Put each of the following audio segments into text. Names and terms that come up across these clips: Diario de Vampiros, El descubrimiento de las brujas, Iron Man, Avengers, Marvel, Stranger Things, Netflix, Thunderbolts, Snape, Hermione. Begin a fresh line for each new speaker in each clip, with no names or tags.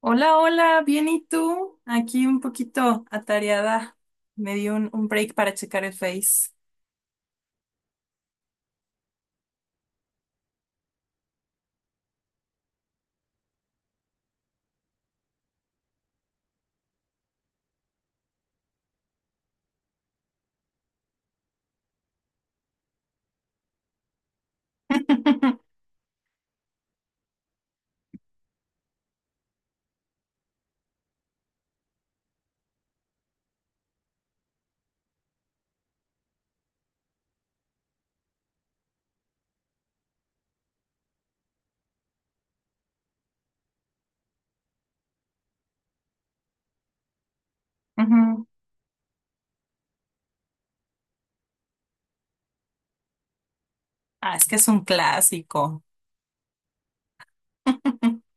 Hola, hola, bien, ¿y tú? Aquí un poquito atareada. Me di un break para checar el Face. Ujú. Ah, es que es un clásico.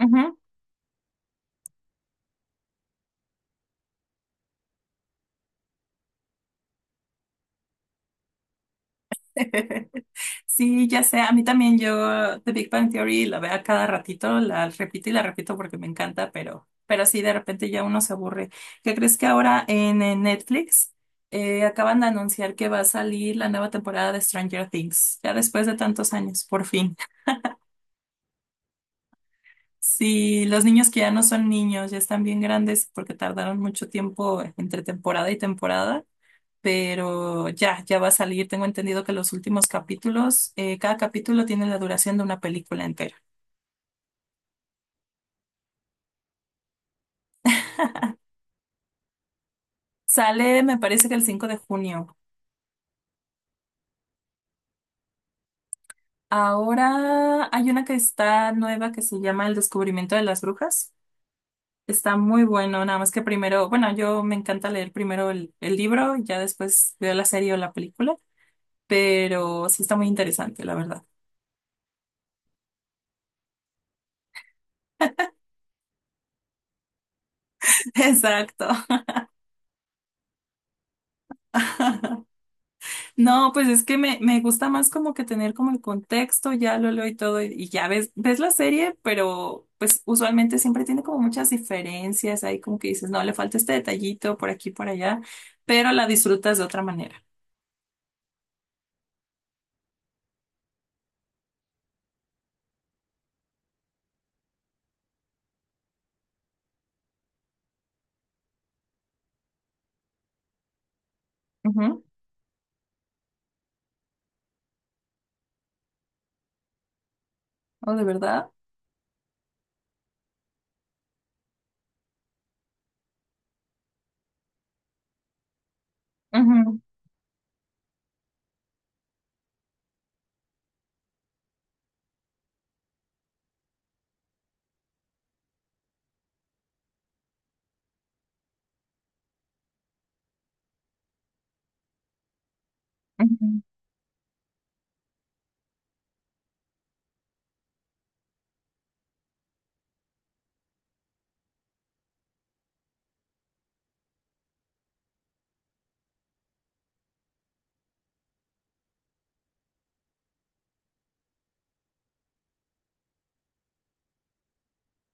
Ujú. Sí, ya sé, a mí también yo The Big Bang Theory la veo a cada ratito, la repito y la repito porque me encanta, pero sí, de repente ya uno se aburre. ¿Qué crees que ahora en, Netflix acaban de anunciar que va a salir la nueva temporada de Stranger Things, ya después de tantos años, por fin? Sí, los niños que ya no son niños, ya están bien grandes porque tardaron mucho tiempo entre temporada y temporada, pero ya, va a salir. Tengo entendido que los últimos capítulos, cada capítulo tiene la duración de una película entera. Sale, me parece que el 5 de junio. Ahora hay una que está nueva que se llama El descubrimiento de las brujas. Está muy bueno, nada más que primero, bueno, yo me encanta leer primero el libro, ya después veo la serie o la película, pero sí está muy interesante, la verdad. Exacto. No, pues es que me gusta más como que tener como el contexto, ya lo leo y todo, y ya ves la serie, pero pues usualmente siempre tiene como muchas diferencias, ahí como que dices, no, le falta este detallito por aquí, por allá, pero la disfrutas de otra manera. Ujú. Oh, de verdad. Ujú, ujú.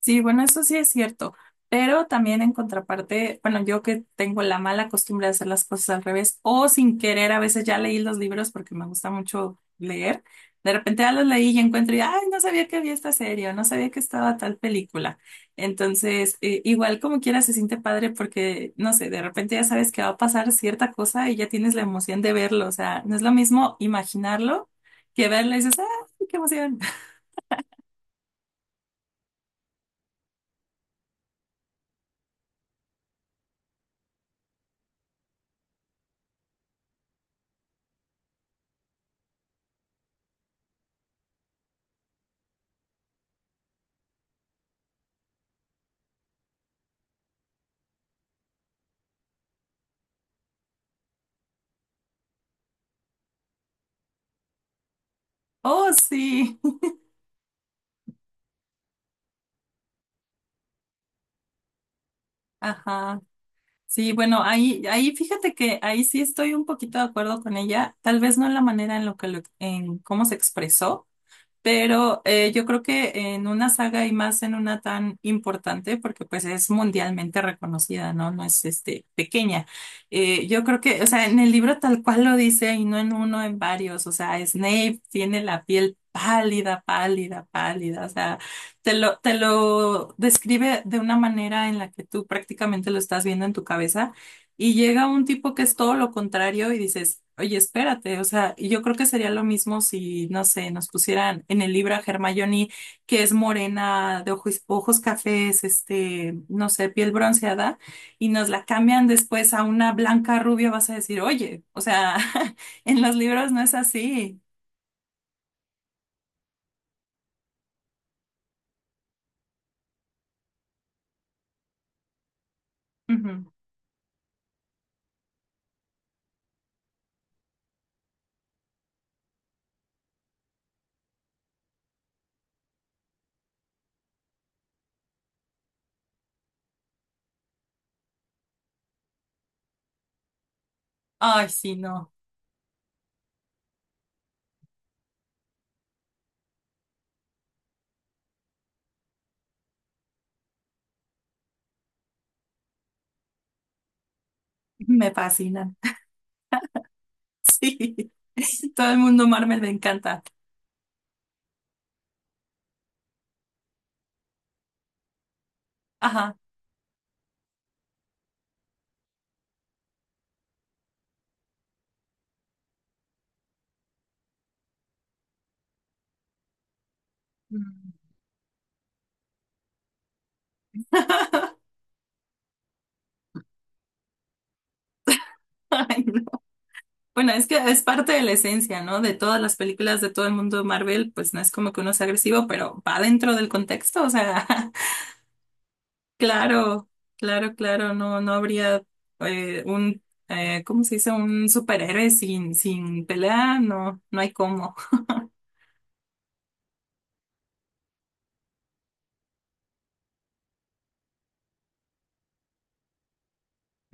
Sí, bueno, eso sí es cierto, pero también en contraparte, bueno, yo que tengo la mala costumbre de hacer las cosas al revés o sin querer, a veces ya leí los libros porque me gusta mucho leer, de repente ya los leí y encuentro y, ay, no sabía que había esta serie o no sabía que estaba tal película. Entonces, igual como quiera se siente padre porque, no sé, de repente ya sabes que va a pasar cierta cosa y ya tienes la emoción de verlo, o sea, no es lo mismo imaginarlo que verlo y dices, ay, qué emoción. Oh, sí. Ajá. Sí, bueno, ahí, ahí fíjate que ahí sí estoy un poquito de acuerdo con ella, tal vez no en la manera en lo que lo- en cómo se expresó, pero yo creo que en una saga y más en una tan importante, porque pues es mundialmente reconocida, ¿no? No es este pequeña. Yo creo que, o sea, en el libro tal cual lo dice, y no en uno, en varios. O sea, Snape tiene la piel pálida, pálida, pálida. O sea, te lo describe de una manera en la que tú prácticamente lo estás viendo en tu cabeza. Y llega un tipo que es todo lo contrario y dices, oye, espérate, o sea, y yo creo que sería lo mismo si, no sé, nos pusieran en el libro a Hermione, que es morena, de ojos cafés, este, no sé, piel bronceada, y nos la cambian después a una blanca rubia, vas a decir, oye, o sea, en los libros no es así. Ujú. Ay, sí, no, me fascinan. Sí, todo el mundo Marvel me encanta. Ajá. Mm. Ay, no. Bueno, es que es parte de la esencia, ¿no? De todas las películas de todo el mundo de Marvel, pues no es como que uno sea agresivo, pero va dentro del contexto, o sea, claro, claro, claro, no, no habría eh, un, ¿cómo se dice? Un superhéroe sin pelea, no, no hay cómo.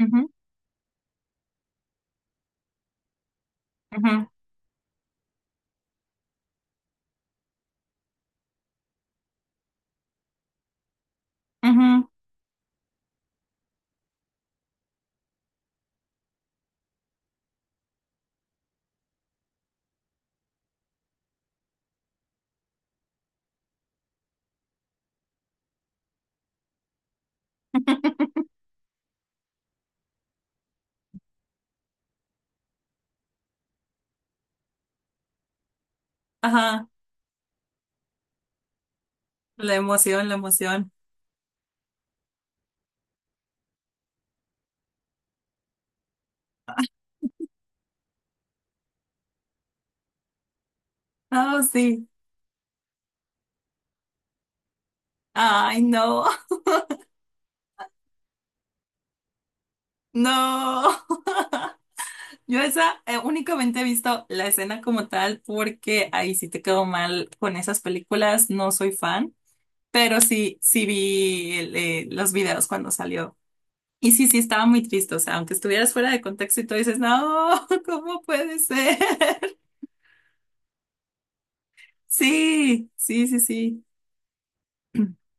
Ujú, ujú, ujú. Ajá, la emoción, la emoción. Oh, sí. Ay, no, no. Yo esa únicamente he visto la escena como tal porque ahí sí te quedó mal con esas películas, no soy fan, pero sí, sí vi los videos cuando salió. Y sí, sí estaba muy triste, o sea, aunque estuvieras fuera de contexto y tú dices, no, ¿cómo puede ser? Sí, sí, sí, sí.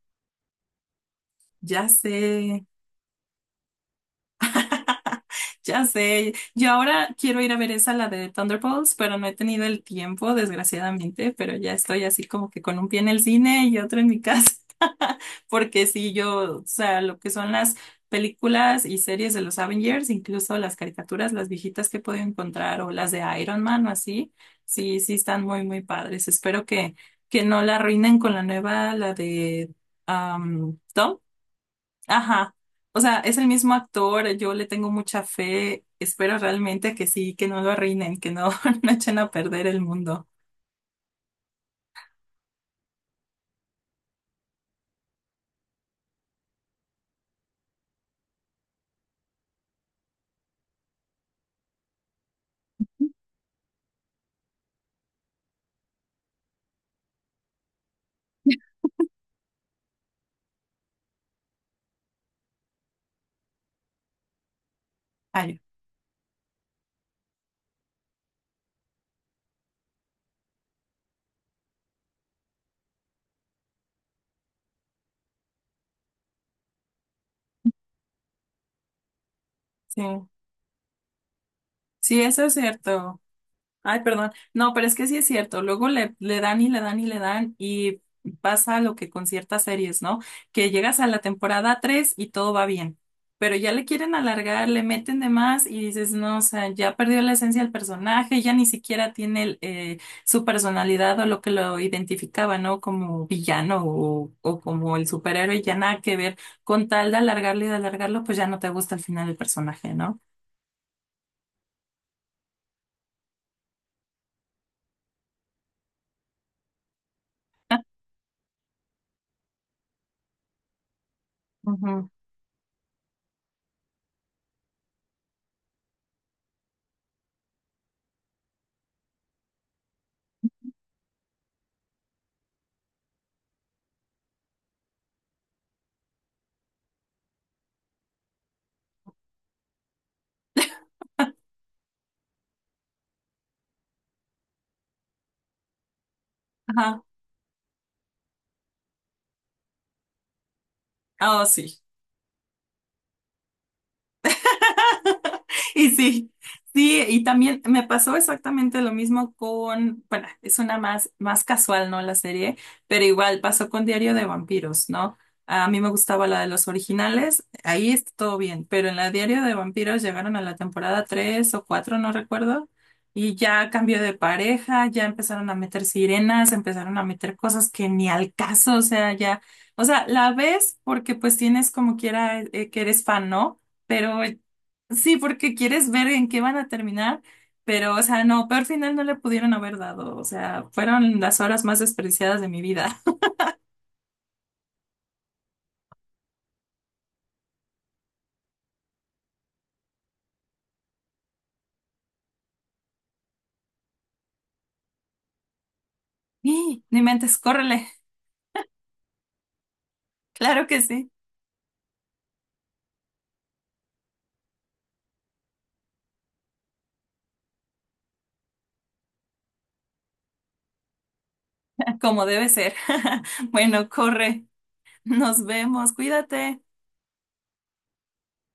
Ya sé. Ya sé, yo ahora quiero ir a ver esa, la de Thunderbolts, pero no he tenido el tiempo, desgraciadamente, pero ya estoy así como que con un pie en el cine y otro en mi casa, porque sí, yo, o sea, lo que son las películas y series de los Avengers, incluso las caricaturas, las viejitas que he podido encontrar o las de Iron Man o así, sí, sí están muy, muy padres. Espero que no la arruinen con la nueva, la de um, Ajá. O sea, es el mismo actor, yo le tengo mucha fe, espero realmente que sí, que no lo arruinen, que no, no echen a perder el mundo. Ay, sí. Sí, eso es cierto. Ay, perdón. No, pero es que sí es cierto. Luego le dan y le dan y le dan y pasa lo que con ciertas series, ¿no? Que llegas a la temporada 3 y todo va bien. Pero ya le quieren alargar, le meten de más y dices, no, o sea, ya perdió la esencia del personaje, ya ni siquiera tiene su personalidad o lo que lo identificaba, ¿no? Como villano o como el superhéroe, ya nada que ver. Con tal de alargarlo y de alargarlo, pues ya no te gusta al final el personaje, ¿no? Ujú. Ajá. Oh, sí. Y sí, sí, y también me pasó exactamente lo mismo con, bueno, es una más, más casual, ¿no? La serie, pero igual pasó con Diario de Vampiros, ¿no? A mí me gustaba la de los originales, ahí está todo bien, pero en la Diario de Vampiros llegaron a la temporada 3 o 4 no recuerdo, y ya cambió de pareja, ya empezaron a meter sirenas, empezaron a meter cosas que ni al caso, o sea, ya, o sea, la ves porque pues tienes como quiera que eres fan, ¿no? Pero sí, porque quieres ver en qué van a terminar, pero, o sea, no, peor final no le pudieron haber dado, o sea, fueron las horas más despreciadas de mi vida. Y ni mentes, córrele, claro que sí, como debe ser. Bueno, corre, nos vemos, cuídate.